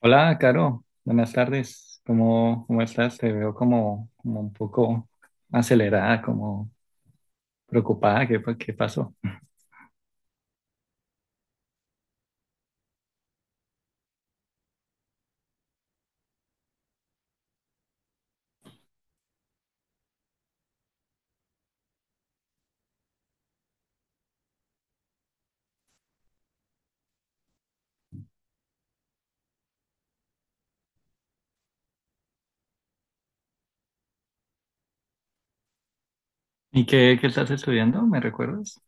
Hola, Caro. Buenas tardes. ¿Cómo estás? Te veo como un poco acelerada, como preocupada. ¿Qué pasó? ¿Y qué estás estudiando? ¿Me recuerdas?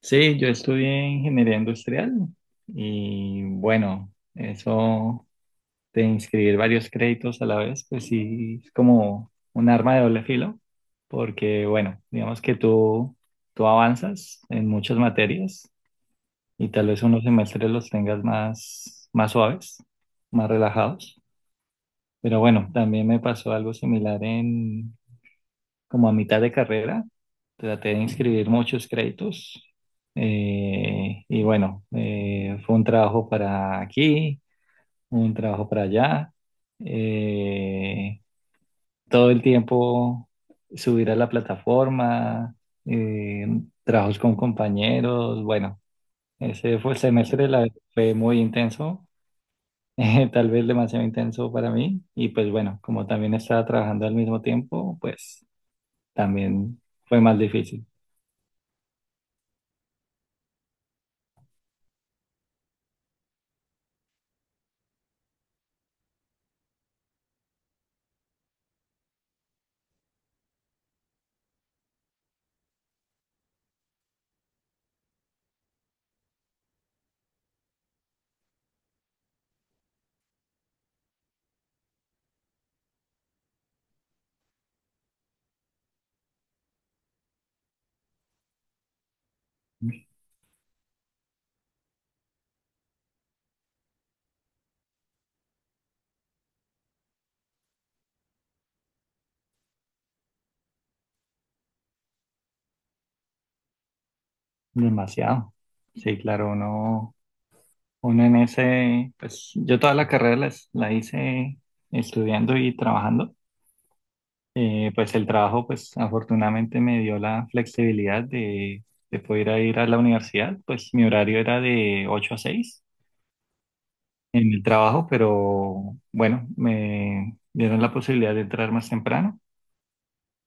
Sí, yo estudié ingeniería industrial y bueno, eso de inscribir varios créditos a la vez, pues sí, es como un arma de doble filo, porque bueno, digamos que tú avanzas en muchas materias. Y tal vez unos semestres los tengas más suaves, más relajados. Pero bueno, también me pasó algo similar en como a mitad de carrera. Traté de inscribir muchos créditos y bueno, fue un trabajo para aquí, un trabajo para allá. eh, todo el tiempo subir a la plataforma, eh, trabajos con compañeros. Bueno, ese fue el semestre, fue muy intenso, tal vez demasiado intenso para mí. Y pues bueno, como también estaba trabajando al mismo tiempo, pues también fue más difícil. Demasiado. Sí, claro, uno en ese, pues yo toda la carrera hice estudiando y trabajando. Pues el trabajo, pues afortunadamente me dio la flexibilidad de poder ir a la universidad. Pues mi horario era de 8 a 6 en el trabajo, pero bueno, me dieron la posibilidad de entrar más temprano,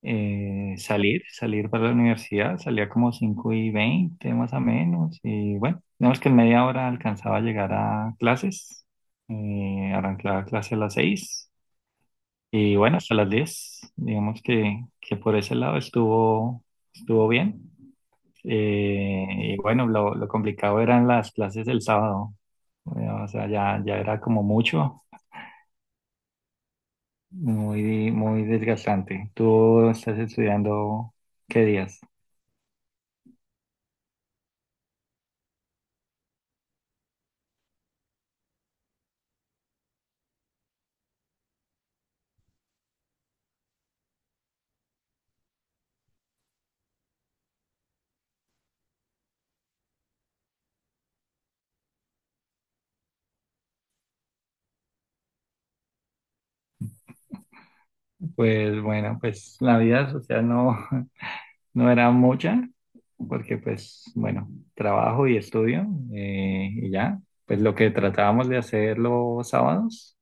salir para la universidad, salía como 5 y 20 más o menos, y bueno, digamos que en media hora alcanzaba a llegar a clases, arrancaba clase a las 6 y bueno, hasta las 10 digamos que por ese lado estuvo, estuvo bien. Eh, y bueno, lo complicado eran las clases del sábado, o sea, ya era como mucho, muy, muy desgastante. ¿Tú estás estudiando qué días? Pues bueno, pues la vida social no, no era mucha, porque pues bueno, trabajo y estudio, y ya, pues lo que tratábamos de hacer los sábados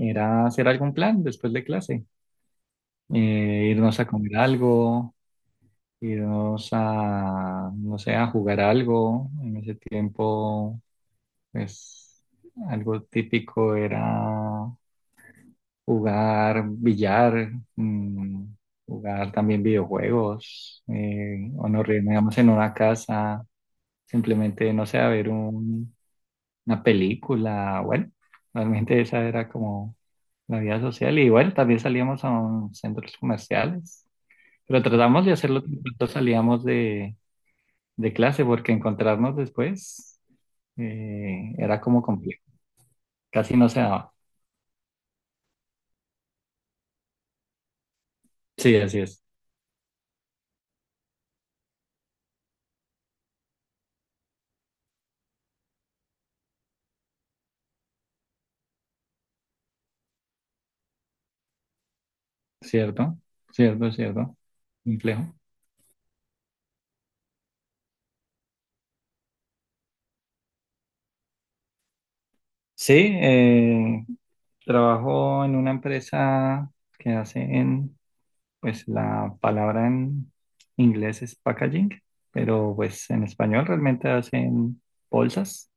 era hacer algún plan después de clase. Irnos a comer algo, irnos a, no sé, a jugar algo. En ese tiempo, pues algo típico era jugar billar, mm, jugar también videojuegos, o nos reunimos en una casa, simplemente, no sé, a ver una película. Bueno, realmente esa era como la vida social y bueno, también salíamos a centros comerciales, pero tratamos de hacerlo cuando salíamos de clase porque encontrarnos después era como complejo, casi no se daba. Sí, así es, cierto, cierto, cierto, complejo. Sí, eh, trabajo en una empresa que hace en, pues la palabra en inglés es packaging, pero pues en español realmente hacen bolsas,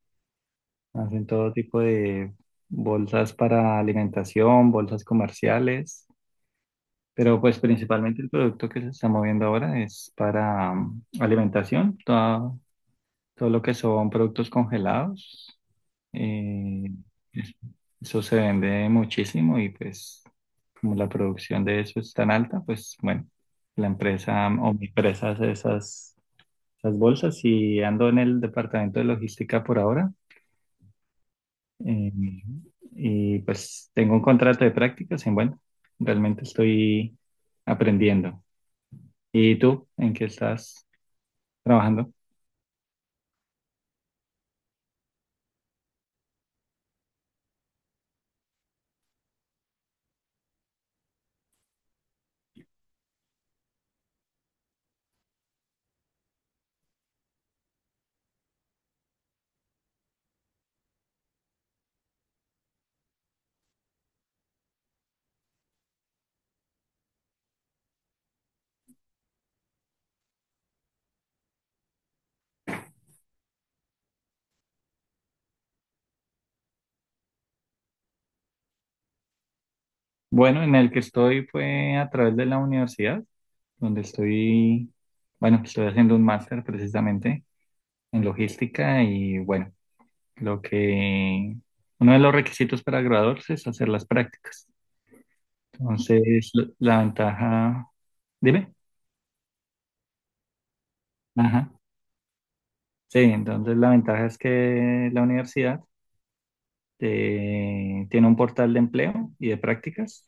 hacen todo tipo de bolsas para alimentación, bolsas comerciales, pero pues principalmente el producto que se está moviendo ahora es para alimentación, todo lo que son productos congelados. eh, es- Eso se vende muchísimo y pues como la producción de eso es tan alta, pues bueno, la empresa o mi empresa hace esas bolsas y ando en el departamento de logística por ahora. eh, y pues tengo un contrato de prácticas y bueno, realmente estoy aprendiendo. ¿Y tú en qué estás trabajando? Bueno, en el que estoy fue a través de la universidad. Donde estoy, bueno, estoy haciendo un máster precisamente en logística y bueno, lo que uno de los requisitos para graduarse es hacer las prácticas. Entonces, la ventaja, dime, ajá. Sí, entonces la ventaja es que la universidad tiene un portal de empleo y de prácticas.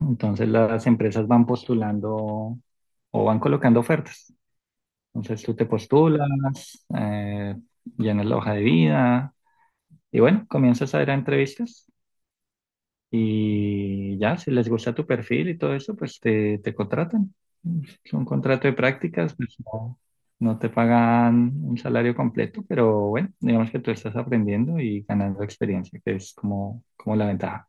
Entonces las empresas van postulando o van colocando ofertas. Entonces tú te postulas, llenas la hoja de vida, y bueno, comienzas a ir a entrevistas y ya, si les gusta tu perfil y todo eso, pues te contratan. Es un contrato de prácticas, pues no, no te pagan un salario completo, pero bueno, digamos que tú estás aprendiendo y ganando experiencia, que es como, como la ventaja.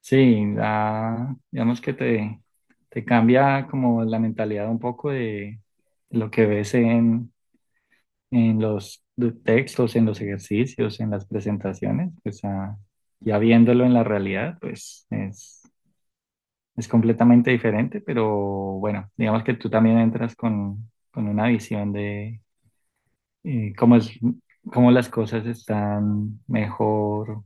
Sí, digamos que te cambia como la mentalidad un poco de lo que ves en los textos, en los ejercicios, en las presentaciones, pues a- ya viéndolo en la realidad, pues es completamente diferente, pero bueno, digamos que tú también entras con una visión de cómo es, cómo las cosas están mejor,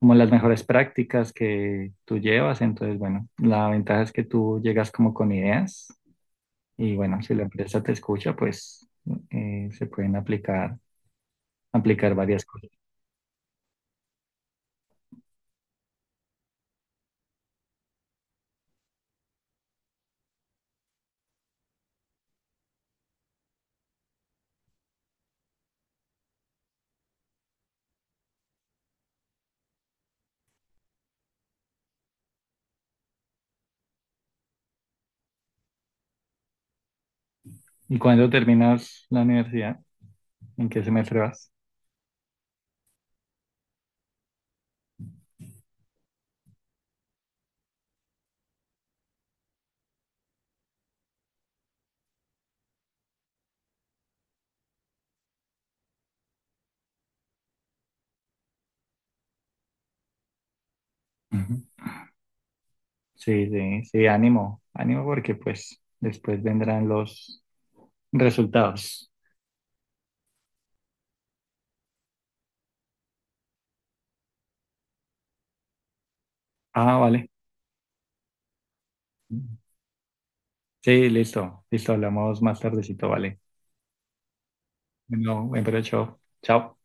como las mejores prácticas que tú llevas, entonces bueno, la ventaja es que tú llegas como con ideas y bueno, si la empresa te escucha, pues se pueden aplicar, aplicar varias cosas. ¿Y cuándo terminas la universidad? ¿En qué semestre vas? Ujú. Sí, sí, sí, ánimo, ánimo porque pues después vendrán los resultados. Ah, vale. Sí, listo, listo, hablamos más tardecito, vale. Bueno, buen provecho. Chao.